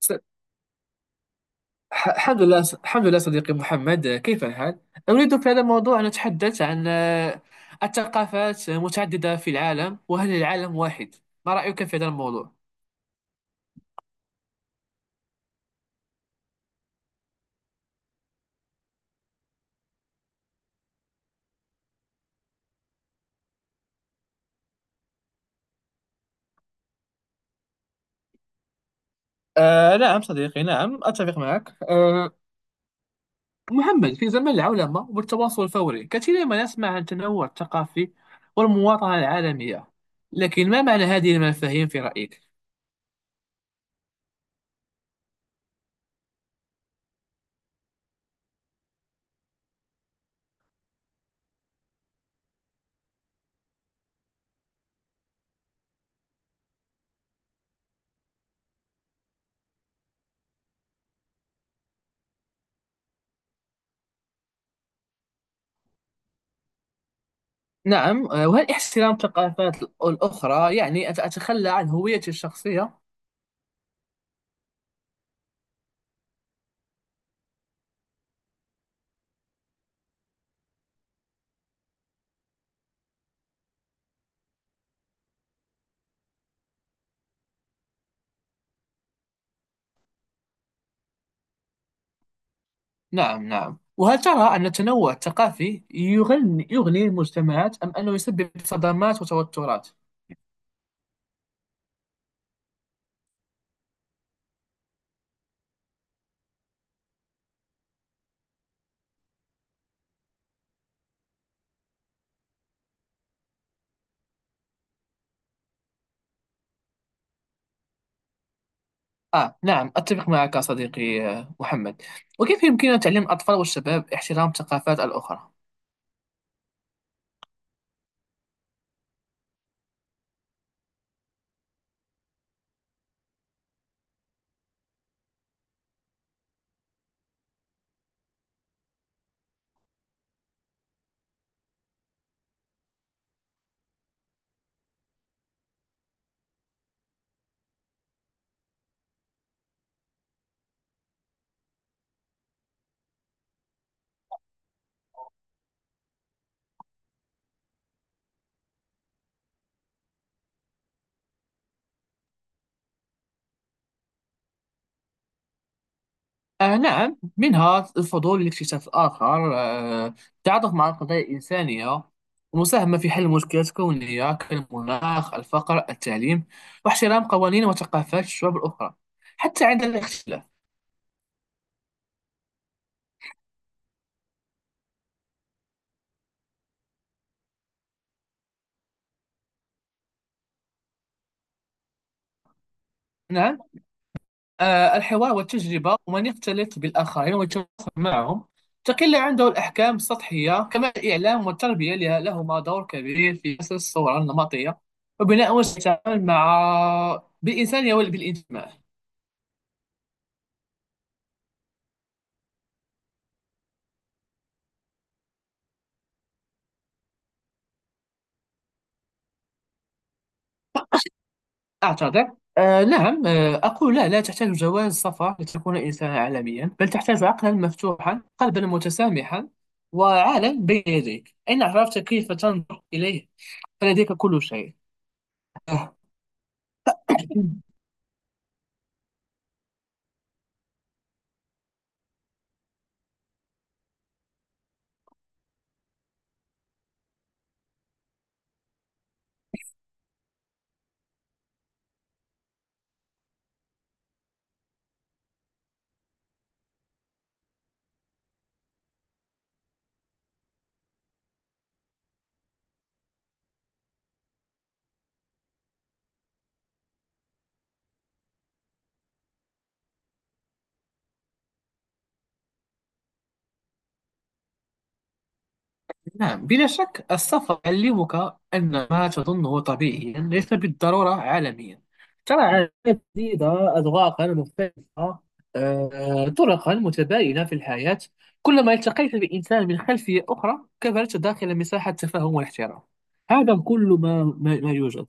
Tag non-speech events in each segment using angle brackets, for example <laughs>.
س- الحمد لله. الحمد لله صديقي محمد، كيف الحال؟ أريد في هذا الموضوع أن أتحدث عن الثقافات متعددة في العالم، وهل العالم واحد؟ ما رأيك في هذا الموضوع؟ آه، نعم صديقي، نعم أتفق معك. محمد، في زمن العولمة والتواصل الفوري كثيرا ما نسمع عن التنوع الثقافي والمواطنة العالمية، لكن ما معنى هذه المفاهيم في رأيك؟ نعم. وهل احترام الثقافات الأخرى يعني أن أتخلى عن هويتي الشخصية؟ نعم نعم، وهل ترى أن التنوع الثقافي يغني المجتمعات، أم أنه يسبب صدمات وتوترات؟ آه، نعم أتفق معك صديقي محمد. وكيف يمكننا تعليم الأطفال والشباب احترام الثقافات الأخرى؟ آه، نعم، منها الفضول لاكتشاف الآخر، آه، التعاطف مع القضايا الإنسانية، المساهمة في حل مشكلات كونية كالمناخ، الفقر، التعليم، واحترام قوانين وثقافات الشعوب الأخرى حتى عند الاختلاف. نعم. الحوار والتجربة، ومن يختلط بالآخرين ويتواصل معهم تقل عنده الأحكام السطحية. كما الإعلام والتربية لهما دور كبير في كسر الصورة النمطية وبناء وسائل التعامل مع بالإنسانية وبالانتماء. أعتذر. آه، نعم، آه، أقول لا، لا تحتاج جواز سفر لتكون إنسانا عالميا، بل تحتاج عقلا مفتوحا، قلبا متسامحا، وعالم بين يديك. إن عرفت كيف تنظر إليه فلديك كل شيء. <laughs> نعم، بلا شك السفر يعلمك أن ما تظنه طبيعيا ليس بالضرورة عالميا. ترى عادات جديدة، أذواقا مختلفة، طرقا متباينة في الحياة. كلما التقيت بإنسان من خلفية أخرى كبرت داخل مساحة تفاهم واحترام. هذا كل ما يوجد.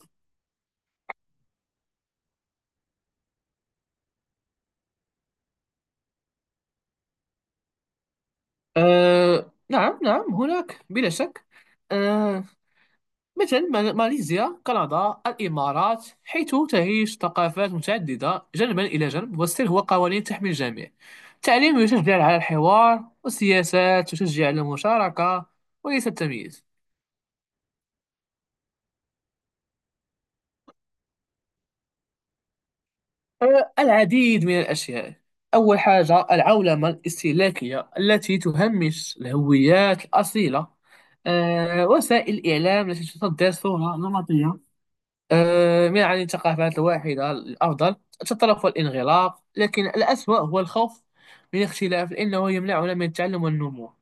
آه، نعم نعم، هناك بلا شك. آه، مثل ماليزيا، كندا، الإمارات، حيث تعيش ثقافات متعددة جانبا إلى جانب، والسر هو قوانين تحمي الجميع. التعليم يشجع على الحوار، والسياسات تشجع على المشاركة وليس التمييز. أه، العديد من الأشياء. أول حاجة العولمة الاستهلاكية التي تهمش الهويات الأصيلة، أه، وسائل الإعلام التي تصدر صورة نمطية آه، من عن الثقافات الواحدة الأفضل تتطلب الانغلاق، لكن الأسوأ هو الخوف من الاختلاف، لأنه يمنعنا من التعلم والنمو.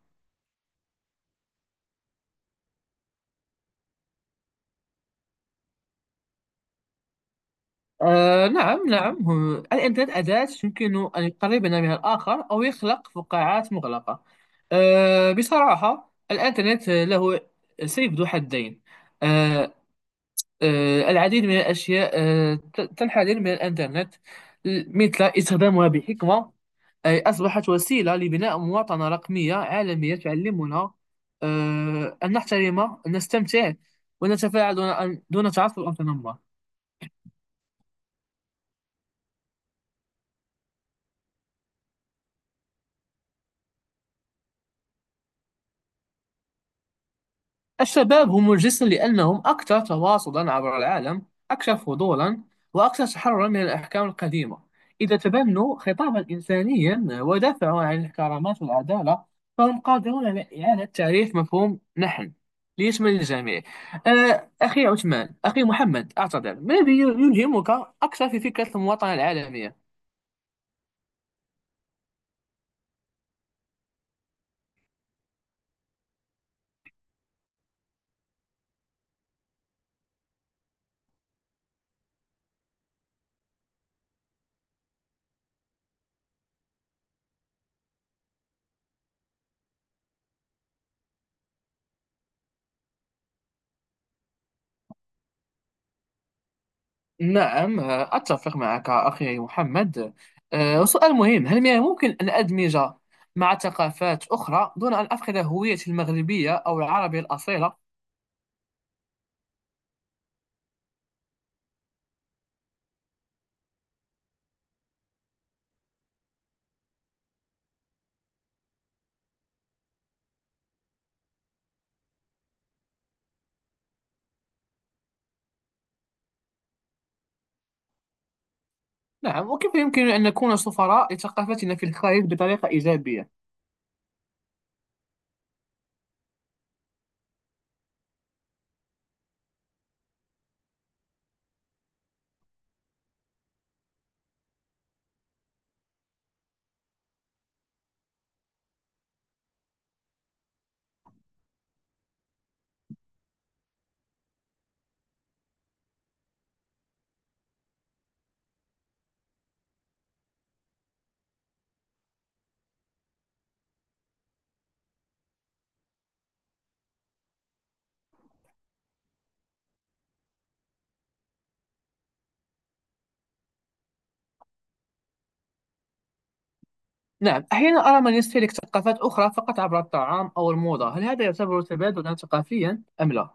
آه، نعم نعم، الإنترنت أداة يمكن أن يقربنا من الآخر أو يخلق فقاعات مغلقة. آه، بصراحة الإنترنت له سيف ذو حدين. آه العديد من الأشياء تنحدر من الإنترنت، مثل استخدامها بحكمة، أي أصبحت وسيلة لبناء مواطنة رقمية عالمية تعلمنا، آه، أن نحترم، أن نستمتع، ونتفاعل دون تعصب أو تنمر. الشباب هم الجسم، لأنهم أكثر تواصلا عبر العالم، أكثر فضولا، وأكثر تحررا من الأحكام القديمة. إذا تبنوا خطابا إنسانيا ودافعوا عن الكرامات والعدالة، فهم قادرون على إعادة تعريف مفهوم نحن ليشمل الجميع. آه، أخي عثمان، أخي محمد، أعتذر، ما الذي يلهمك أكثر في فكرة المواطنة العالمية؟ نعم أتفق معك أخي محمد. أه، سؤال مهم، هل من الممكن أن أدمج مع ثقافات أخرى دون أن أفقد هويتي المغربية أو العربية الأصيلة؟ نعم، وكيف يمكن أن نكون سفراء لثقافتنا في الخارج بطريقة إيجابية؟ نعم، أحيانا أرى من يستهلك ثقافات أخرى فقط عبر الطعام أو الموضة، هل هذا يعتبر تبادلا ثقافيا أم لا؟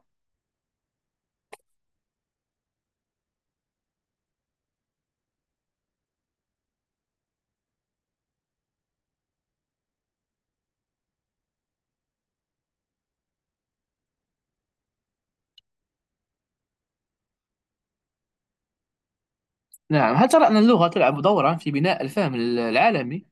نعم، هل ترى أن اللغة تلعب دورا في بناء الفهم العالمي؟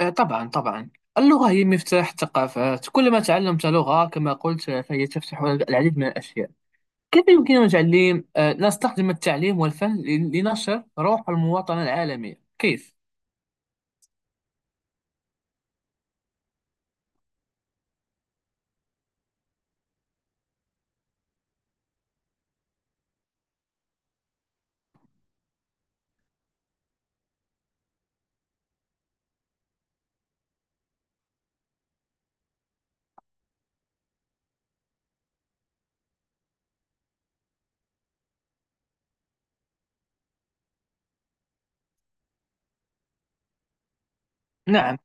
آه، طبعا طبعا، اللغة هي مفتاح الثقافات، كلما تعلمت لغة كما قلت، فهي تفتح العديد من الأشياء. كيف يمكننا تعليم آه، نستخدم التعليم والفن لنشر روح المواطنة العالمية، كيف؟ نعم،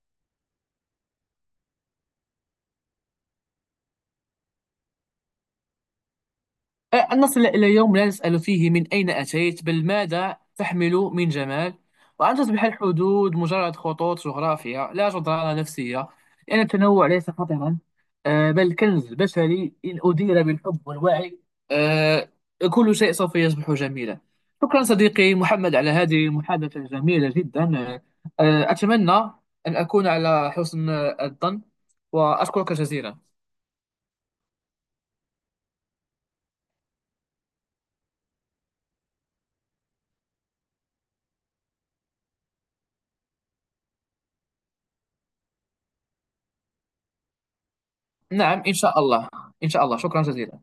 أن نصل إلى يوم لا نسأل فيه من أين أتيت، بل ماذا تحمل من جمال، وأن تصبح الحدود مجرد خطوط جغرافية لا جدران نفسية، لأن التنوع ليس خطرا، آه، بل كنز بشري إن أدير بالحب والوعي. آه، كل شيء سوف يصبح جميلا. شكرا صديقي محمد على هذه المحادثة الجميلة جدا. أتمنى أن أكون على حسن الظن، وأشكرك جزيلا. نعم إن شاء الله، إن شاء الله، شكرا جزيلا.